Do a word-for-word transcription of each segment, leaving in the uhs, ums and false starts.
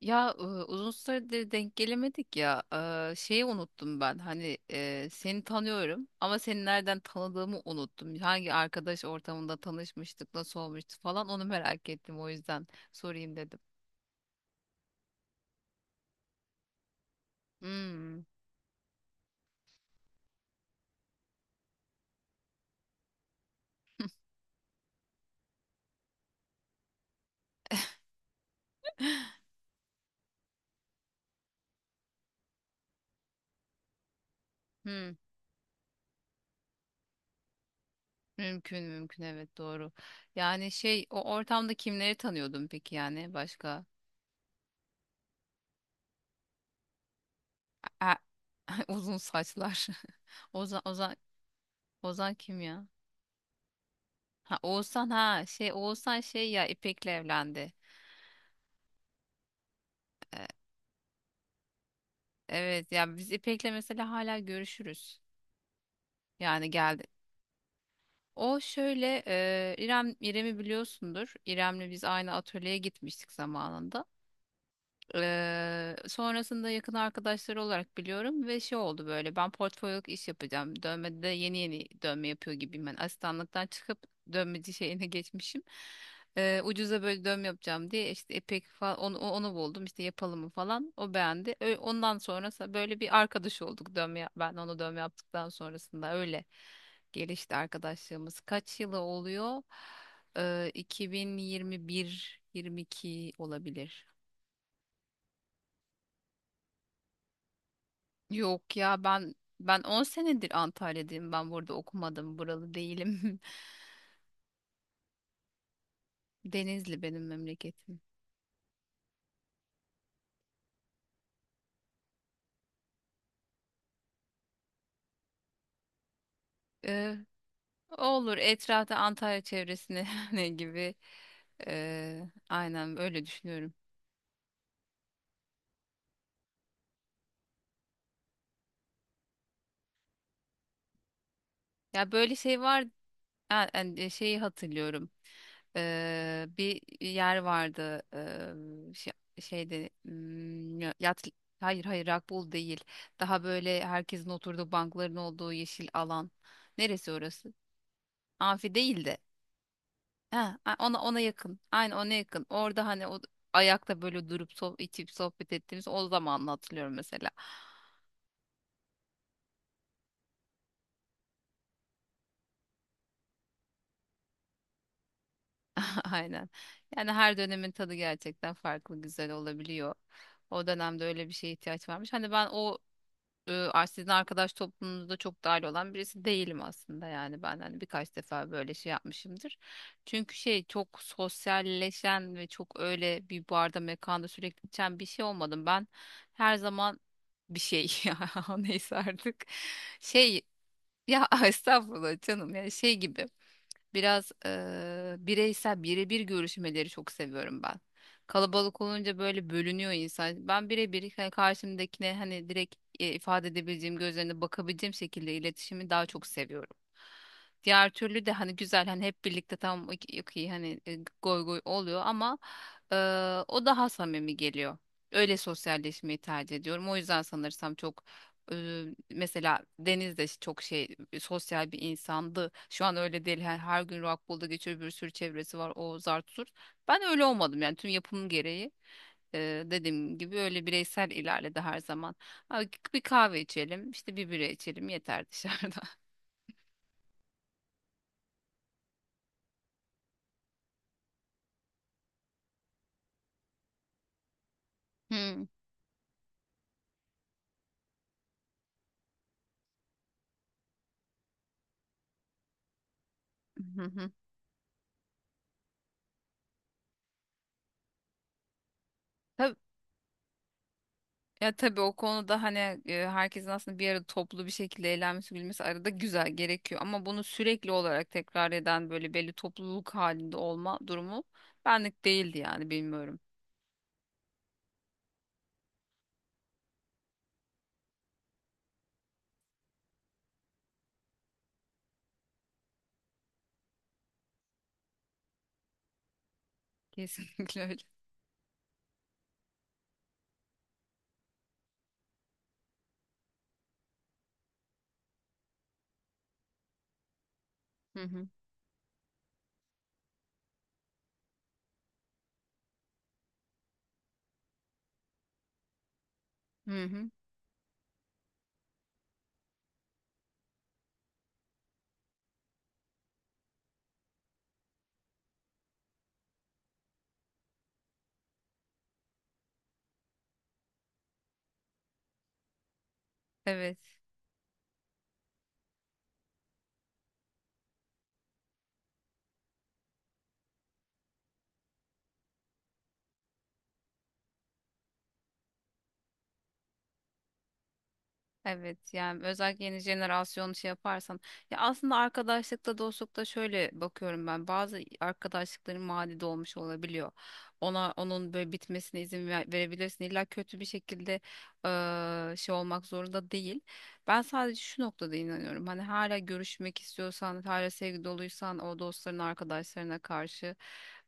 Ya, e, uzun süredir denk gelemedik ya. E, şeyi unuttum ben. Hani e, seni tanıyorum ama seni nereden tanıdığımı unuttum. Hangi arkadaş ortamında tanışmıştık, nasıl olmuştu falan onu merak ettim. O yüzden sorayım dedim. Hmm. Hmm. Mümkün, mümkün, evet, doğru. Yani şey, o ortamda kimleri tanıyordun peki, yani başka? E, uzun saçlar. Ozan, Ozan, Ozan kim ya? Ha, Oğuzhan. Ha, şey, Oğuzhan, şey ya, İpek'le evlendi. Evet ya, biz İpek'le mesela hala görüşürüz. Yani geldi. O şöyle, e, İrem İrem'i biliyorsundur. İrem'le biz aynı atölyeye gitmiştik zamanında. Eee, sonrasında yakın arkadaşları olarak biliyorum ve şey oldu, böyle ben portfolyoluk iş yapacağım. Dövmede de yeni yeni dövme yapıyor gibiyim ben. Asistanlıktan çıkıp dövmeci şeyine geçmişim. Eee, ucuza böyle dövme yapacağım diye işte epek falan, onu, onu buldum işte, yapalım mı falan. O beğendi. Ö- ondan sonra sa- böyle bir arkadaş olduk, dövme yap- ben onu dövme yaptıktan sonrasında öyle gelişti arkadaşlığımız. Kaç yılı oluyor? Eee iki bin yirmi bir, yirmi iki olabilir. Yok ya, ben ben on senedir Antalya'dayım. Ben burada okumadım. Buralı değilim. Denizli benim memleketim. Ee, olur, etrafta Antalya çevresine ne gibi. Ee, aynen öyle düşünüyorum. Ya böyle şey var. Ha, hani, e, şeyi hatırlıyorum. Ee, bir yer vardı. Ee, şey, şeyde, hmm, ya- yat. Hayır, hayır, rakbul değil. Daha böyle herkesin oturduğu bankların olduğu yeşil alan. Neresi orası? Amfi değil de. Ha, a- ona ona yakın. Aynı ona yakın. Orada hani o ayakta böyle durup sohbet, içip sohbet ettiğimiz o zaman hatırlıyorum mesela. Aynen. Yani her dönemin tadı gerçekten farklı güzel olabiliyor. O dönemde öyle bir şeye ihtiyaç varmış. Hani ben o, e, ar- sizin arkadaş toplumunuza çok dahil olan birisi değilim aslında, yani ben hani birkaç defa böyle şey yapmışımdır. Çünkü şey çok sosyalleşen ve çok öyle bir barda mekanda sürekli içen bir şey olmadım. Ben her zaman bir şey ya neyse artık, şey, ya estağfurullah canım, yani şey gibi. Biraz eee bireysel, birebir görüşmeleri çok seviyorum ben. Kalabalık olunca böyle bölünüyor insan. Ben birebir, hani karşımdakine, hani direkt e, ifade edebileceğim, gözlerine bakabileceğim şekilde iletişimi daha çok seviyorum. Diğer türlü de hani güzel, hani hep birlikte tam iyi, hani e, goy goy oluyor ama eee, o daha samimi geliyor. Öyle sosyalleşmeyi tercih ediyorum. O yüzden sanırsam çok, e, mesela Deniz de çok şey, e, sosyal bir insandı. Şu an öyle değil. Her, her gün Rockpool'da geçiyor, bir sürü çevresi var. O zart zurt. Ben öyle olmadım yani, tüm yapım gereği. E, dediğim gibi öyle bireysel ilerledi her zaman. Ha, bir kahve içelim, işte bir bira içelim yeter dışarıda. Hmm. Ya tabii o konuda hani e, herkesin aslında bir arada toplu bir şekilde eğlenmesi, gülmesi arada güzel gerekiyor. Ama bunu sürekli olarak tekrar eden böyle belli topluluk halinde olma durumu benlik değildi yani, bilmiyorum. Kesinlikle öyle. Hı hı. Hı hı. Evet. Evet, yani özellikle yeni jenerasyon şey yaparsan, ya, aslında arkadaşlıkta, dostlukta şöyle bakıyorum ben. Bazı arkadaşlıkların maddi de olabiliyor. Ona, onun böyle bitmesine izin ver- verebilirsin, illa kötü bir şekilde eee, şey olmak zorunda değil. Ben sadece şu noktada inanıyorum, hani hala görüşmek istiyorsan, hala sevgi doluysan o dostların arkadaşlarına karşı,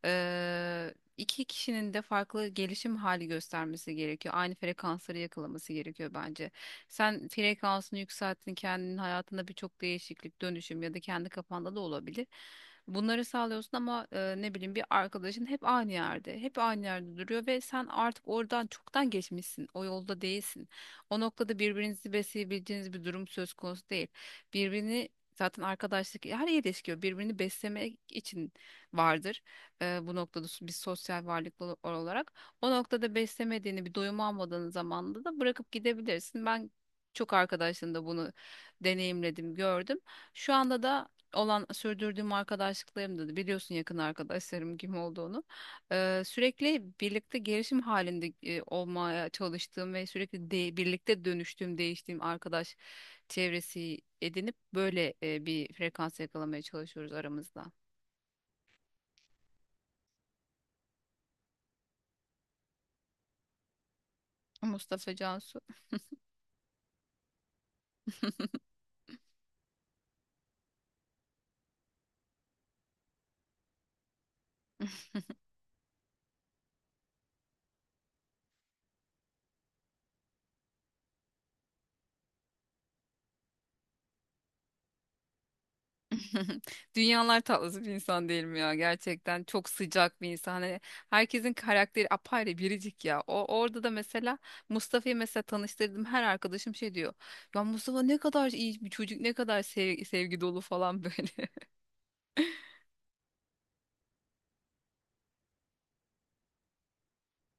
eee, iki kişinin de farklı gelişim hali göstermesi gerekiyor, aynı frekansları yakalaması gerekiyor bence. Sen frekansını yükselttin, kendinin hayatında birçok değişiklik, dönüşüm, ya da kendi kafanda da olabilir. Bunları sağlıyorsun ama e, ne bileyim, bir arkadaşın hep aynı yerde, hep aynı yerde duruyor ve sen artık oradan çoktan geçmişsin, o yolda değilsin. O noktada birbirinizi besleyebileceğiniz bir durum söz konusu değil. Birbirini Zaten arkadaşlık, her ilişki birbirini beslemek için vardır. E, bu noktada s- bir sosyal varlık ol- olarak. O noktada beslemediğini, bir doyum almadığın zamanda da bırakıp gidebilirsin. Ben çok arkadaşın da bunu deneyimledim, gördüm. Şu anda da olan sürdürdüğüm arkadaşlıklarımda da biliyorsun yakın arkadaşlarım kim olduğunu. Ee, sürekli birlikte gelişim halinde e, olmaya çalıştığım ve sürekli de- birlikte dönüştüğüm, değiştiğim arkadaş çevresi edinip böyle, e, bir frekans yakalamaya çalışıyoruz aramızda. Mustafa, Cansu. Dünyalar tatlısı bir insan değilim ya, gerçekten çok sıcak bir insan, hani herkesin karakteri apayrı, biricik ya. O orada da mesela Mustafa'yı mesela tanıştırdım, her arkadaşım şey diyor: ya Mustafa ne kadar iyi bir çocuk, ne kadar sev- sevgi dolu falan böyle.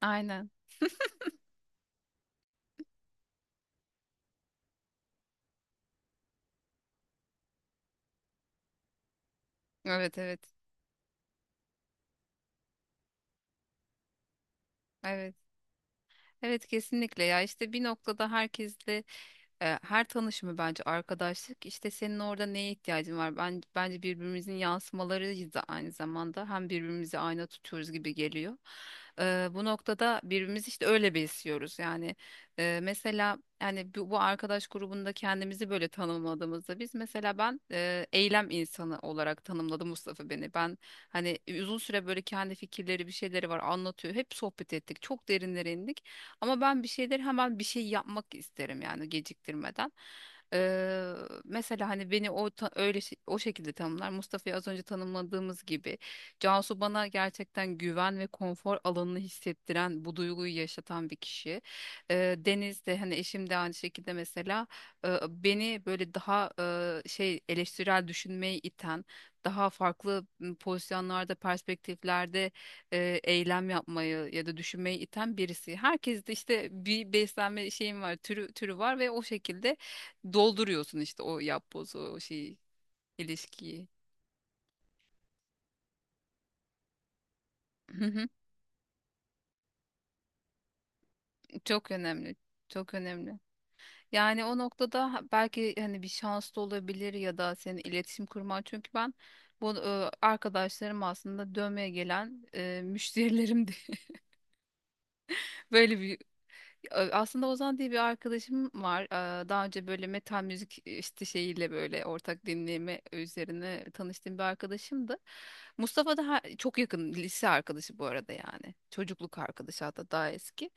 Aynen. Evet, evet, evet, evet, kesinlikle ya, işte bir noktada herkesle, e, her tanışımı bence arkadaşlık, işte senin orada neye ihtiyacın var, ben bence birbirimizin yansımalarıyız da aynı zamanda, hem birbirimizi ayna tutuyoruz gibi geliyor. E, bu noktada birbirimizi işte öyle besliyoruz yani, e, mesela yani bu, bu arkadaş grubunda kendimizi böyle tanımladığımızda, biz mesela, ben e, eylem insanı olarak tanımladı Mustafa beni. Ben hani uzun süre böyle kendi fikirleri, bir şeyleri var, anlatıyor, hep sohbet ettik, çok derinlere indik ama ben bir şeyleri hemen bir şey yapmak isterim yani, geciktirmeden. Ee, Mesela hani beni o ta- öyle şey- o şekilde tanımlar. Mustafa'yı az önce tanımladığımız gibi, Cansu bana gerçekten güven ve konfor alanını hissettiren, bu duyguyu yaşatan bir kişi. Ee, Deniz de, hani eşim de aynı şekilde, mesela e, beni böyle daha e, şey, eleştirel düşünmeyi iten, daha farklı m, pozisyonlarda, perspektiflerde e, eylem yapmayı ya da düşünmeyi iten birisi. Herkes de işte bir beslenme şeyim var, türü türü var ve o şekilde dolduruyorsun işte o yapbozu, o şeyi, ilişkiyi. Hı hı. Çok önemli. Çok önemli. Yani o noktada ha- belki hani bir şans da olabilir ya da senin iletişim kurman. Çünkü ben bu, e, arkadaşlarım aslında dövmeye gelen e, müşterilerimdi. Böyle bir Ö- Aslında Ozan diye bir arkadaşım var. Aa, daha önce böyle metal müzik işte şeyiyle, böyle ortak dinleme üzerine tanıştığım bir arkadaşımdı. Mustafa da ha- çok yakın lise arkadaşı, bu arada yani. Çocukluk arkadaşı, hatta daha eski.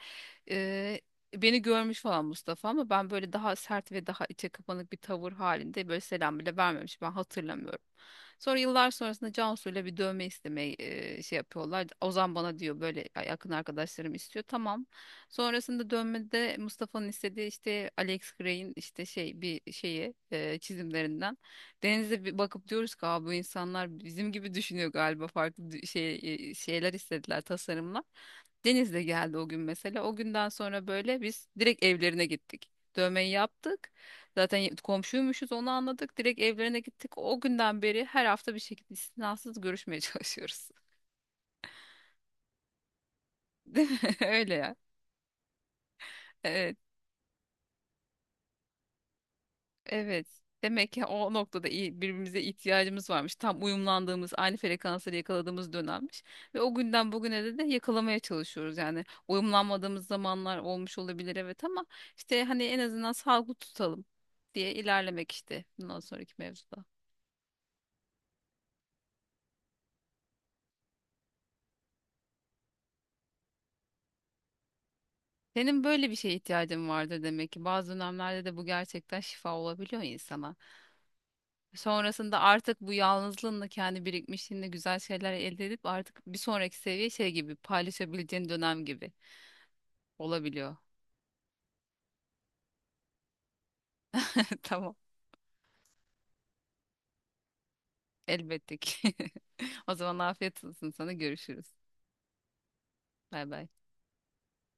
Ee, Beni görmüş falan Mustafa ama ben böyle daha sert ve daha içe kapanık bir tavır halinde böyle selam bile vermemiş. Ben hatırlamıyorum. Sonra yıllar sonrasında Cansu'yla bir dövme istemeye e, şey yapıyorlar. Ozan bana diyor böyle, yakın arkadaşlarım istiyor. Tamam. Sonrasında dönmede Mustafa'nın istediği işte Alex Gray'in işte şey bir şeyi, e, çizimlerinden denize bir bakıp diyoruz ki: "Aa, bu insanlar bizim gibi düşünüyor galiba, farklı dü- şey, e, şeyler istediler, tasarımlar." Deniz de geldi o gün mesela. O günden sonra böyle biz direkt evlerine gittik. Dövmeyi yaptık. Zaten y- komşuymuşuz, onu anladık. Direkt evlerine gittik. O günden beri her hafta bir şekilde istinasız görüşmeye çalışıyoruz. Değil mi? Öyle ya. Ee, Evet. Demek ki o noktada iyi- birbirimize ihtiyacımız varmış. Tam uyumlandığımız, aynı frekansları yakaladığımız dönemmiş. Ve o günden bugüne de, de yakalamaya çalışıyoruz. Yani uyumlanmadığımız zamanlar olmuş olabilir evet, ama işte hani en azından sağlıklı tutalım diye ilerlemek işte, bundan sonraki mevzuda. Senin böyle bir şeye ihtiyacın vardır demek ki. Bazı dönemlerde de bu gerçekten şifa olabiliyor insana. Sonrasında artık bu yalnızlığınla, kendi birikmişliğinle güzel şeyler elde edip artık bir sonraki seviye şey gibi paylaşabileceğin dönem gibi olabiliyor. Tamam. Elbette ki. O zaman afiyet olsun sana, görüşürüz. Bay bay.